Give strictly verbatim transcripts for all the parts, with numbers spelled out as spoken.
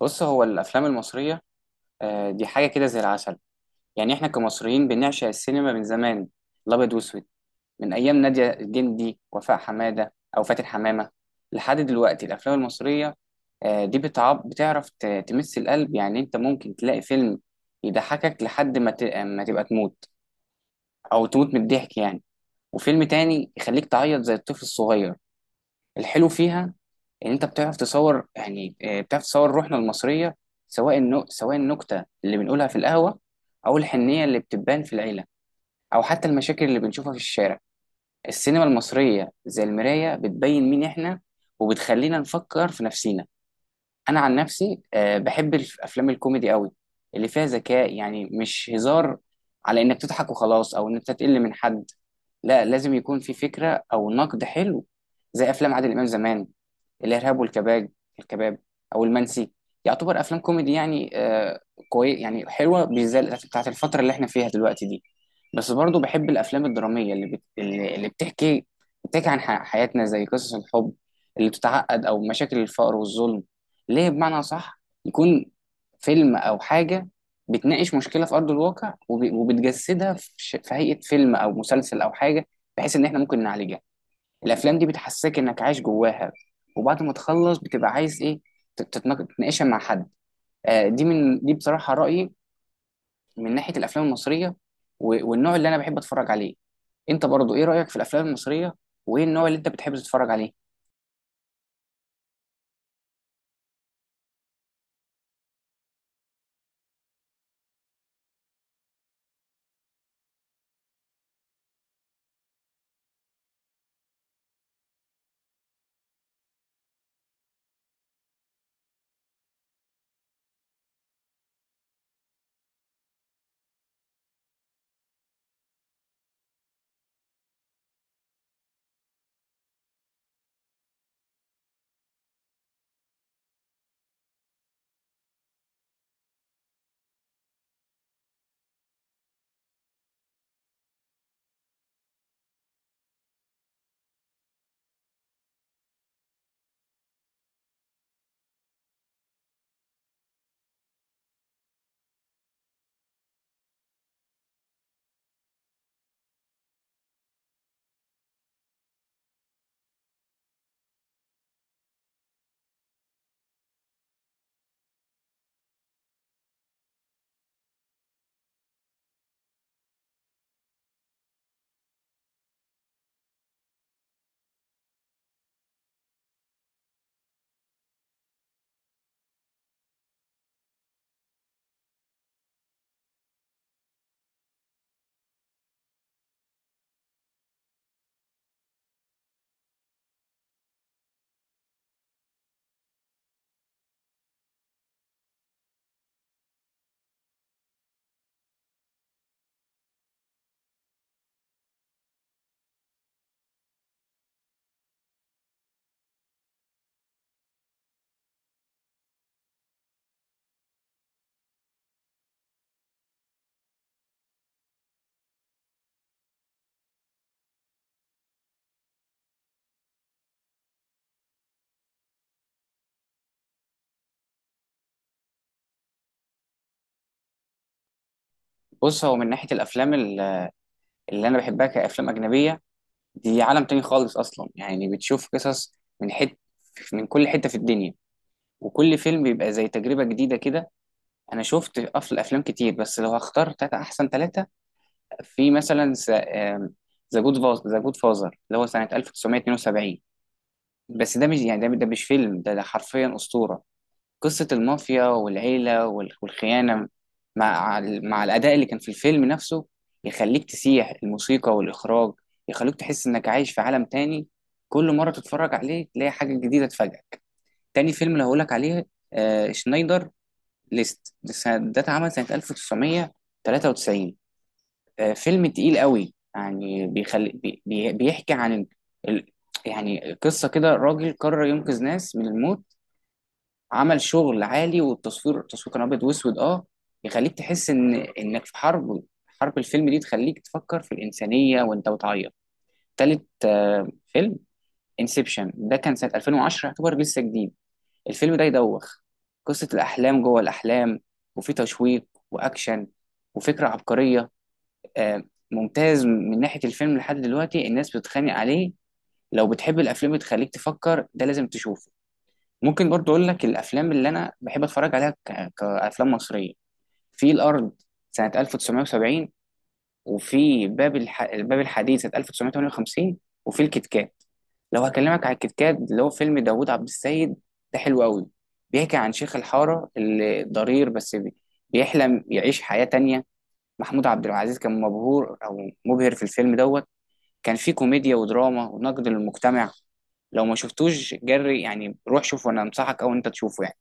بص هو الافلام المصريه. آه، دي حاجه كده زي العسل. يعني احنا كمصريين بنعشق السينما من زمان، الابيض واسود، من ايام ناديه الجندي وفاء حماده او فاتن حمامه لحد دلوقتي. الافلام المصريه، آه، دي بتعب بتعرف ت- تمس القلب. يعني انت ممكن تلاقي فيلم يضحكك لحد ما ت- ما تبقى تموت او تموت من الضحك يعني، وفيلم تاني يخليك تعيط زي الطفل الصغير. الحلو فيها ان انت بتعرف تصور، يعني آه، بتعرف تصور روحنا المصريه، سواء النو... سواء النكته اللي بنقولها في القهوه او الحنيه اللي بتبان في العيله او حتى المشاكل اللي بنشوفها في الشارع. السينما المصريه زي المرايه، بتبين مين احنا وبتخلينا نفكر في نفسينا. انا عن نفسي، آه، بحب الافلام الكوميدي قوي، اللي فيها ذكاء. يعني مش هزار على انك تضحك وخلاص او انك تقل من حد، لا، لازم يكون في فكره او نقد حلو، زي افلام عادل امام زمان، الإرهاب والكباب، الكباب، أو المنسي. يعتبر أفلام كوميدي يعني آه، كويس، يعني حلوة، بالذات بتاعت الفترة اللي احنا فيها دلوقتي دي. بس برضو بحب الأفلام الدرامية اللي بت... اللي اللي بتحكي، بتحكي عن ح- حياتنا، زي قصص الحب اللي بتتعقد أو مشاكل الفقر والظلم، ليه بمعنى صح يكون فيلم أو حاجة بتناقش مشكلة في أرض الواقع وب... وبتجسدها في, ش... في هيئة فيلم أو مسلسل أو حاجة، بحيث إن احنا ممكن نعالجها. الافلام دي بتحسسك انك عايش جواها، وبعد ما تخلص بتبقى عايز ايه؟ تت- تتناق- تتناقشها مع حد. آه، دي من دي بصراحه رايي من ناحيه الافلام المصريه و- والنوع اللي انا بحب اتفرج عليه. انت برضو ايه رايك في الافلام المصريه وايه النوع اللي انت بتحب تتفرج عليه؟ بص، هو من ناحيه الافلام ال- اللي انا بحبها كافلام اجنبيه، دي عالم تاني خالص اصلا. يعني بتشوف قصص من حت من كل حته في الدنيا، وكل فيلم بيبقى زي تجربه جديده كده. انا شفت أف- افلام كتير، بس لو هختار تلاتة احسن ثلاثه، في مثلا ذا جود ذا جود فازر، اللي هو سنة ألف وتسعمية اتنين وسبعين. بس ده مش يعني ده, ده مش فيلم، ده, ده حرفيا أسطورة. قصة المافيا والعيلة وال- والخيانة مع ال- مع الأداء اللي كان في الفيلم نفسه، يخليك تسيح. الموسيقى والإخراج يخليك تحس إنك عايش في عالم تاني، كل مرة تتفرج عليه تلاقي حاجة جديدة تفاجئك. تاني فيلم اللي هقولك عليه آه شنايدر ليست. ده سنة- ده اتعمل سنة ألف وتسعمية تلاتة وتسعين. آه، فيلم تقيل قوي يعني، بيخلي بي بي- بيحكي عن ال... ال- يعني قصة كده راجل قرر ينقذ ناس من الموت. عمل شغل عالي، والتصوير، التصوير كان أبيض وأسود. أه، يخليك تحس إن إنك في حرب. حرب الفيلم دي تخليك تفكر في الإنسانية وأنت بتعيط. تالت آه، فيلم انسبشن، ده كان سنة ألفين وعشرة، يعتبر لسه جديد. الفيلم ده يدوخ، قصة الأحلام جوه الأحلام، وفي تشويق وأكشن وفكرة عبقرية. آه، ممتاز من ناحية الفيلم. لحد دلوقتي الناس بتتخانق عليه. لو بتحب الأفلام بتخليك تفكر، ده لازم تشوفه. ممكن برضو أقول لك الأفلام اللي أنا بحب أتفرج عليها ك- كأفلام مصرية، في الأرض سنة ألف وتسعمية وسبعين، وفي باب الح... باب الحديد سنة ألف وتسعمية تمنية وخمسين، وفي الكيت كات. لو هكلمك على الكيت كات اللي هو فيلم داوود عبد السيد، ده حلو قوي. بيحكي عن شيخ الحارة اللي ضرير، بس بي- بيحلم يعيش حياة تانية. محمود عبد العزيز كان مبهور او مبهر في الفيلم دوت. كان فيه كوميديا ودراما ونقد للمجتمع. لو ما شفتوش جري يعني، روح شوفه، انا انصحك او انت تشوفه يعني.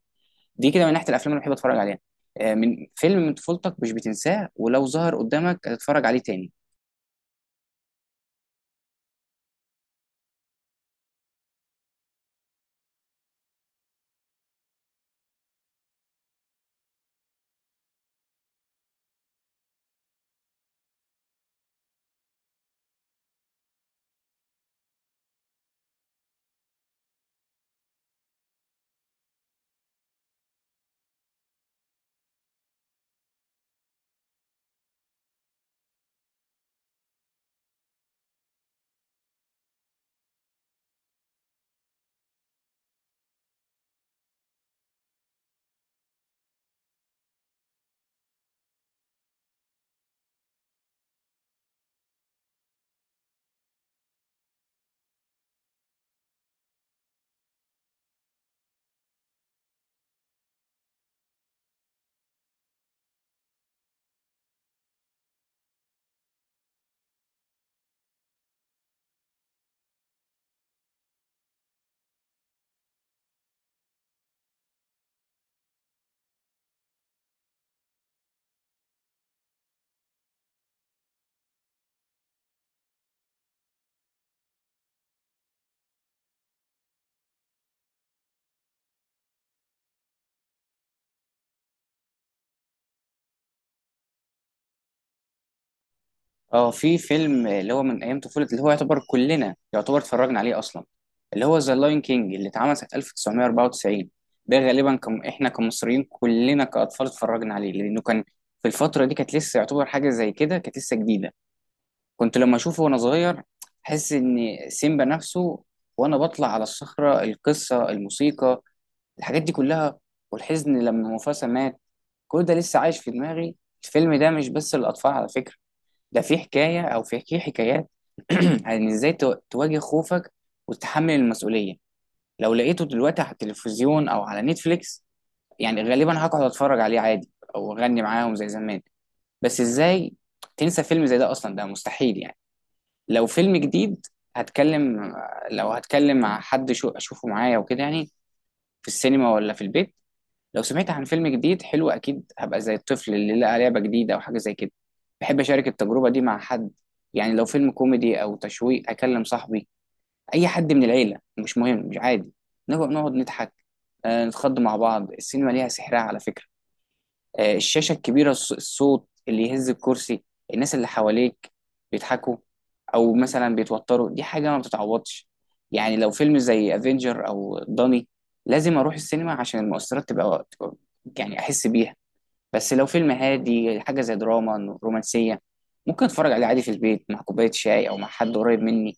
دي كده من ناحيه الافلام اللي بحب اتفرج عليها. آه، من فيلم من طفولتك مش بتنساه ولو ظهر قدامك هتتفرج عليه تاني؟ اه، في فيلم اللي هو من ايام طفولة، اللي هو يعتبر كلنا يعتبر اتفرجنا عليه اصلا، اللي هو ذا لاين كينج، اللي اتعمل سنة ألف وتسعمية أربعة وتسعين. ده غالبا كم احنا كمصريين كلنا كاطفال اتفرجنا عليه، لانه كان في الفترة دي كانت لسه يعتبر حاجة زي كده، كانت لسه جديدة. كنت لما اشوفه وانا صغير احس ان سيمبا نفسه، وانا بطلع على الصخرة. القصة، الموسيقى، الحاجات دي كلها، والحزن لما موفاسا مات، كل ده لسه عايش في دماغي. الفيلم ده مش بس للاطفال على فكرة، ده في حكاية أو في في حكايات عن إزاي تو- تواجه خوفك وتتحمل المسؤولية. لو لقيته دلوقتي على التلفزيون أو على نتفليكس، يعني غالبا هقعد أتفرج عليه عادي أو أغني معاهم زي زمان. بس إزاي تنسى فيلم زي ده أصلا؟ ده مستحيل يعني. لو فيلم جديد، هتكلم، لو هتكلم مع حد شو أشوفه معايا وكده يعني، في السينما ولا في البيت؟ لو سمعت عن فيلم جديد حلو، اكيد هبقى زي الطفل اللي لقى لعبه جديده او حاجه زي كده. بحب اشارك التجربه دي مع حد، يعني لو فيلم كوميدي او تشويق اكلم صاحبي، اي حد من العيله مش مهم، مش عادي، نبقى نقعد نضحك، آه، نتخض مع بعض. السينما ليها سحرها على فكره، آه، الشاشة الكبيرة، الص- الصوت اللي يهز الكرسي، الناس اللي حواليك بيضحكوا أو مثلا بيتوتروا، دي حاجة ما بتتعوضش. يعني لو فيلم زي افنجر أو داني، لازم أروح السينما عشان المؤثرات تبقى تبقى- يعني أحس بيها. بس لو فيلم هادي، حاجة زي دراما رومانسية، ممكن أتفرج عليه عادي في البيت مع كوباية شاي أو مع حد قريب مني،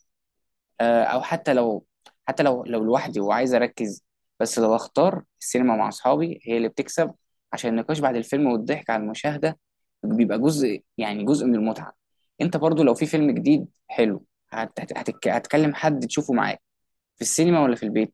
آه، او حتى لو، حتى لو لو لوحدي وعايز اركز. بس لو اختار السينما مع اصحابي، هي اللي بتكسب، عشان النقاش بعد الفيلم والضحك على المشاهده بيبقى جزء، يعني جزء من المتعه. انت برضو لو في فيلم جديد حلو، هت- هت- هتك... هتكلم حد تشوفه معاك في السينما ولا في البيت؟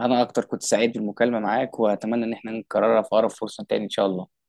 انا اكتر كنت سعيد بالمكالمه معاك واتمنى ان احنا نكررها في اقرب فرصه تاني ان شاء الله.